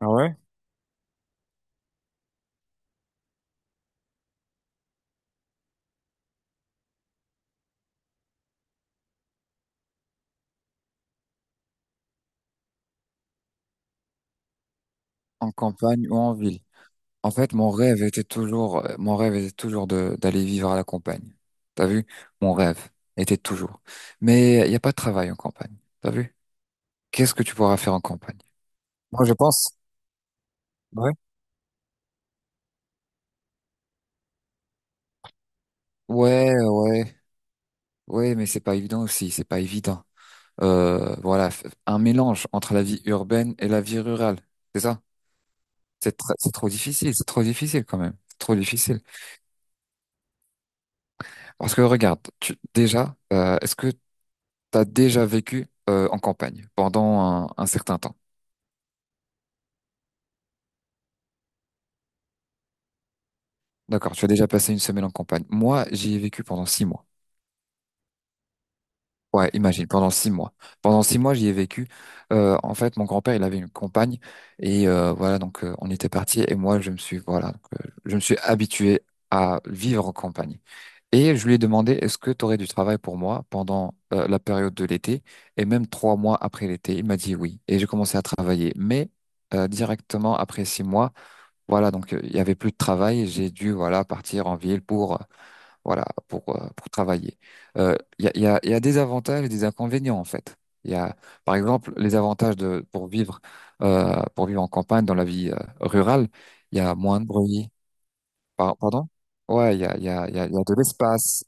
Ah ouais? En campagne ou en ville. En fait, mon rêve était toujours, mon rêve était toujours de d'aller vivre à la campagne. T'as vu? Mon rêve était toujours. Mais il n'y a pas de travail en campagne. T'as vu? Qu'est-ce que tu pourras faire en campagne? Moi, je pense. Ouais. Ouais, ouais, ouais, mais c'est pas évident aussi, c'est pas évident. Voilà, un mélange entre la vie urbaine et la vie rurale, c'est ça? C'est trop difficile, c'est trop difficile quand même, c'est trop difficile. Parce que regarde, tu, déjà, est-ce que T'as déjà vécu en campagne pendant un certain temps. D'accord, tu as déjà passé une semaine en campagne. Moi, j'y ai vécu pendant 6 mois. Ouais, imagine, pendant 6 mois. Pendant six mois, j'y ai vécu. En fait, mon grand-père, il avait une campagne et voilà, donc on était partis et moi, je me suis voilà, donc, je me suis habitué à vivre en campagne. Et je lui ai demandé, est-ce que tu aurais du travail pour moi pendant la période de l'été et même 3 mois après l'été? Il m'a dit oui. Et j'ai commencé à travailler, mais directement après 6 mois. Voilà, donc il y avait plus de travail et j'ai dû voilà partir en ville pour voilà pour travailler. Il y a des avantages et des inconvénients en fait. Il y a par exemple les avantages de pour vivre en campagne dans la vie rurale, il y a moins de bruit. Pardon? Ouais, il y a il y a il y a, il y a de l'espace.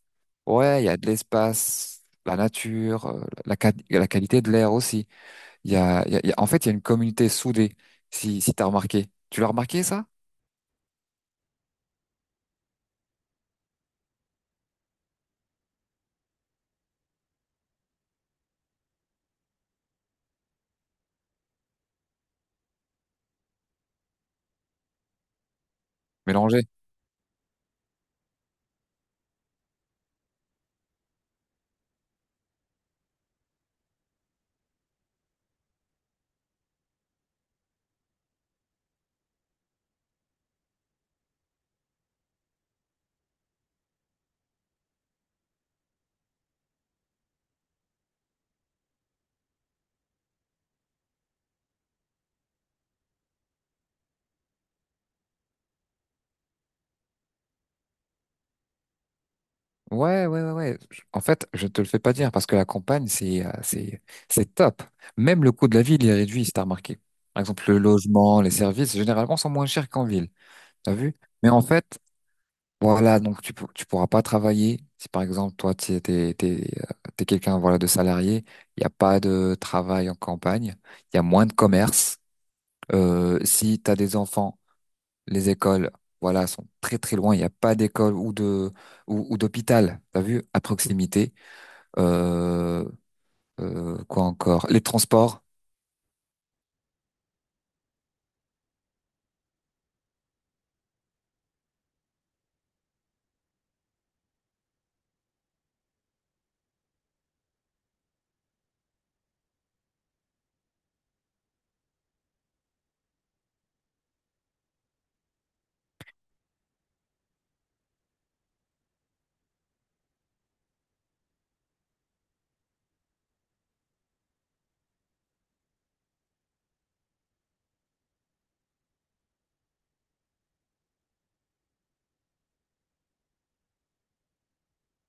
Ouais, il y a de l'espace, la nature, la qualité de l'air aussi. Il y a, il y a- il y a- En fait, il y a une communauté soudée, si tu as remarqué. Tu l'as remarqué, ça? Mélangé. Ouais, ouais, ouais, ouais. En fait, je te le fais pas dire parce que la campagne, c'est top. Même le coût de la ville il est réduit, si t'as remarqué. Par exemple, le logement, les services, généralement, sont moins chers qu'en ville. T'as vu? Mais en fait, voilà, donc tu pourras pas travailler. Si par exemple, toi, t'es quelqu'un voilà, de salarié, il n'y a pas de travail en campagne, il y a moins de commerce. Si tu as des enfants, les écoles, voilà, sont très très loin. Il n'y a pas d'école ou ou d'hôpital, t'as vu, à proximité. Euh, quoi encore? Les transports.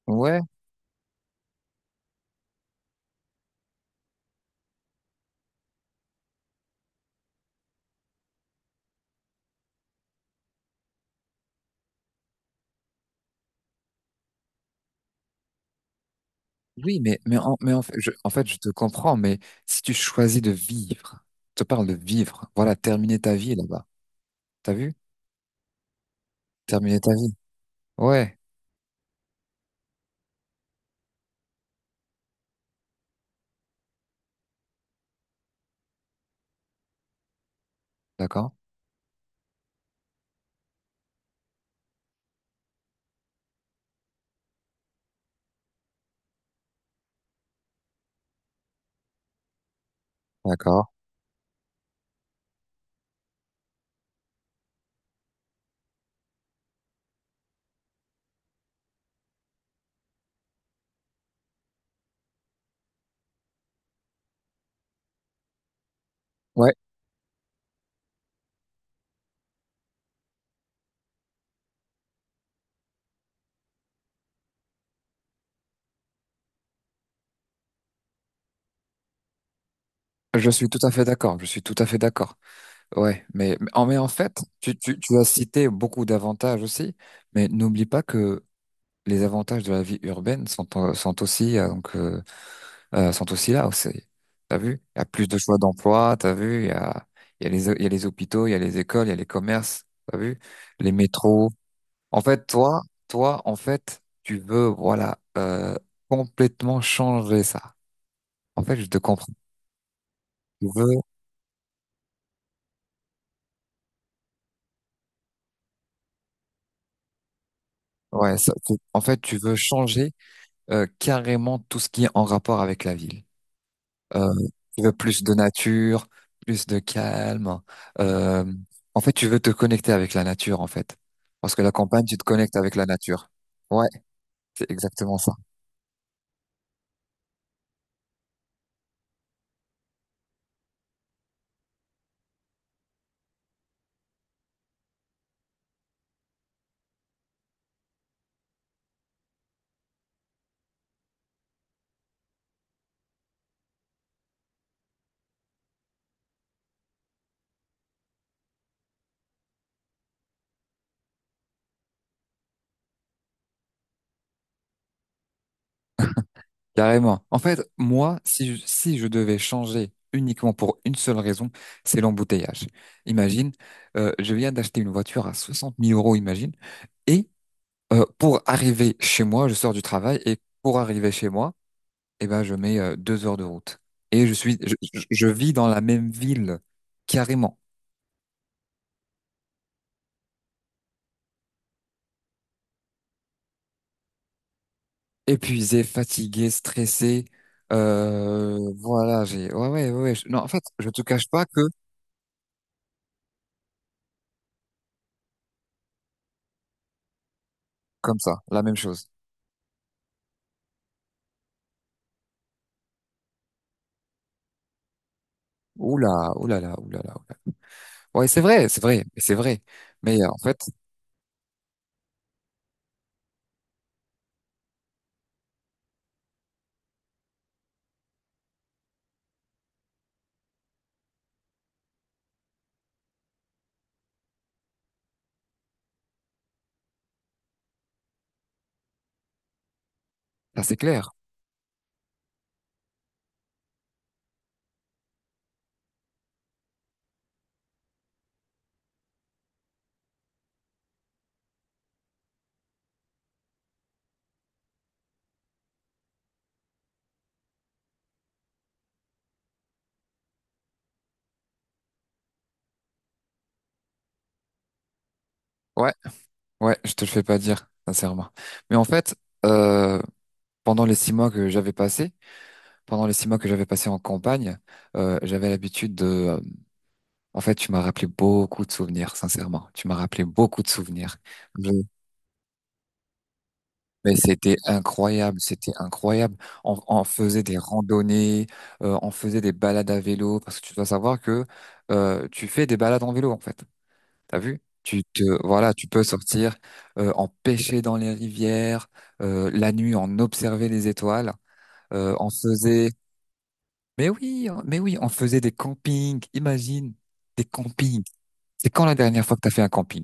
Ouais, mais en fait, en fait, je te comprends, mais si tu choisis de vivre, je te parle de vivre, voilà, terminer ta vie là-bas. T'as vu? Terminer ta vie. Ouais, d'accord, d'accord. Ouais, je suis tout à fait d'accord, je suis tout à fait d'accord. Ouais, mais en fait, tu as cité beaucoup d'avantages aussi, mais n'oublie pas que les avantages de la vie urbaine sont aussi, sont aussi là aussi. T'as vu? Il y a plus de choix d'emploi, t'as vu? Il y a les hôpitaux, il y a les écoles, il y a les commerces, t'as vu? Les métros. En fait, toi, en fait, tu veux, voilà, complètement changer ça. En fait, je te comprends. Tu veux, ouais, en fait, tu veux changer carrément tout ce qui est en rapport avec la ville. Euh, Tu veux plus de nature, plus de calme. Euh, En fait, tu veux te connecter avec la nature, en fait. Parce que la campagne, tu te connectes avec la nature. Ouais, c'est exactement ça. Carrément. En fait, moi, si je devais changer uniquement pour une seule raison, c'est l'embouteillage. Imagine, je viens d'acheter une voiture à 60 000 euros, imagine. Et pour arriver chez moi, je sors du travail et pour arriver chez moi, eh ben, je mets 2 heures de route. Et je suis, je vis dans la même ville, carrément. Épuisé, fatigué, stressé. Voilà, ouais, ouais, ouais. Non, en fait, je te cache pas que comme ça, la même chose. Oula, oulala, oulala, oulala. Ouais, c'est vrai, c'est vrai, c'est vrai. Mais en fait, là, c'est clair. Ouais, ouais, je te le fais pas dire, sincèrement. Mais en fait, euh, pendant les six mois que j'avais passés, Pendant les six mois que j'avais passé en campagne, j'avais l'habitude de... en fait, tu m'as rappelé beaucoup de souvenirs, sincèrement. Tu m'as rappelé beaucoup de souvenirs. Je- Mais c'était incroyable, c'était incroyable. On faisait des randonnées, on faisait des balades à vélo, parce que tu dois savoir que tu fais des balades en vélo, en fait. T'as vu? Voilà, tu peux sortir, en pêcher dans les rivières, la nuit, on observait les étoiles, on faisait Mais oui, mais oui, on faisait des campings. Imagine, des campings. C'est quand la dernière fois que t'as fait un camping?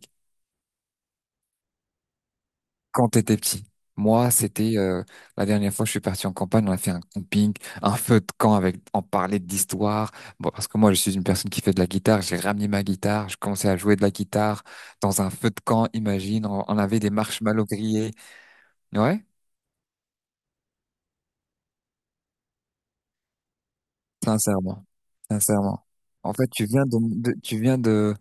Quand t'étais petit. Moi, c'était la dernière fois que je suis parti en campagne, on a fait un camping, un feu de camp avec, on parlait d'histoire. Bon, parce que moi, je suis une personne qui fait de la guitare. J'ai ramené ma guitare, je commençais à jouer de la guitare dans un feu de camp. Imagine, on avait des marshmallows grillés. Ouais, sincèrement, sincèrement. En fait, tu viens de.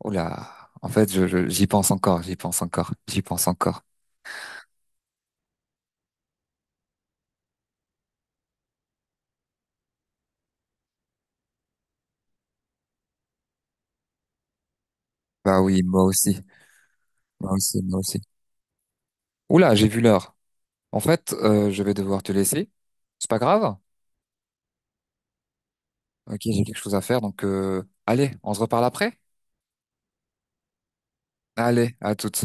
Oh là, en fait, j'y pense encore, j'y pense encore, j'y pense encore. Bah oui, moi aussi, moi aussi, moi aussi. Oh là, j'ai vu l'heure. En fait, je vais devoir te laisser. C'est pas grave. Ok, j'ai quelque chose à faire, donc allez, on se reparle après. Allez, à toutes.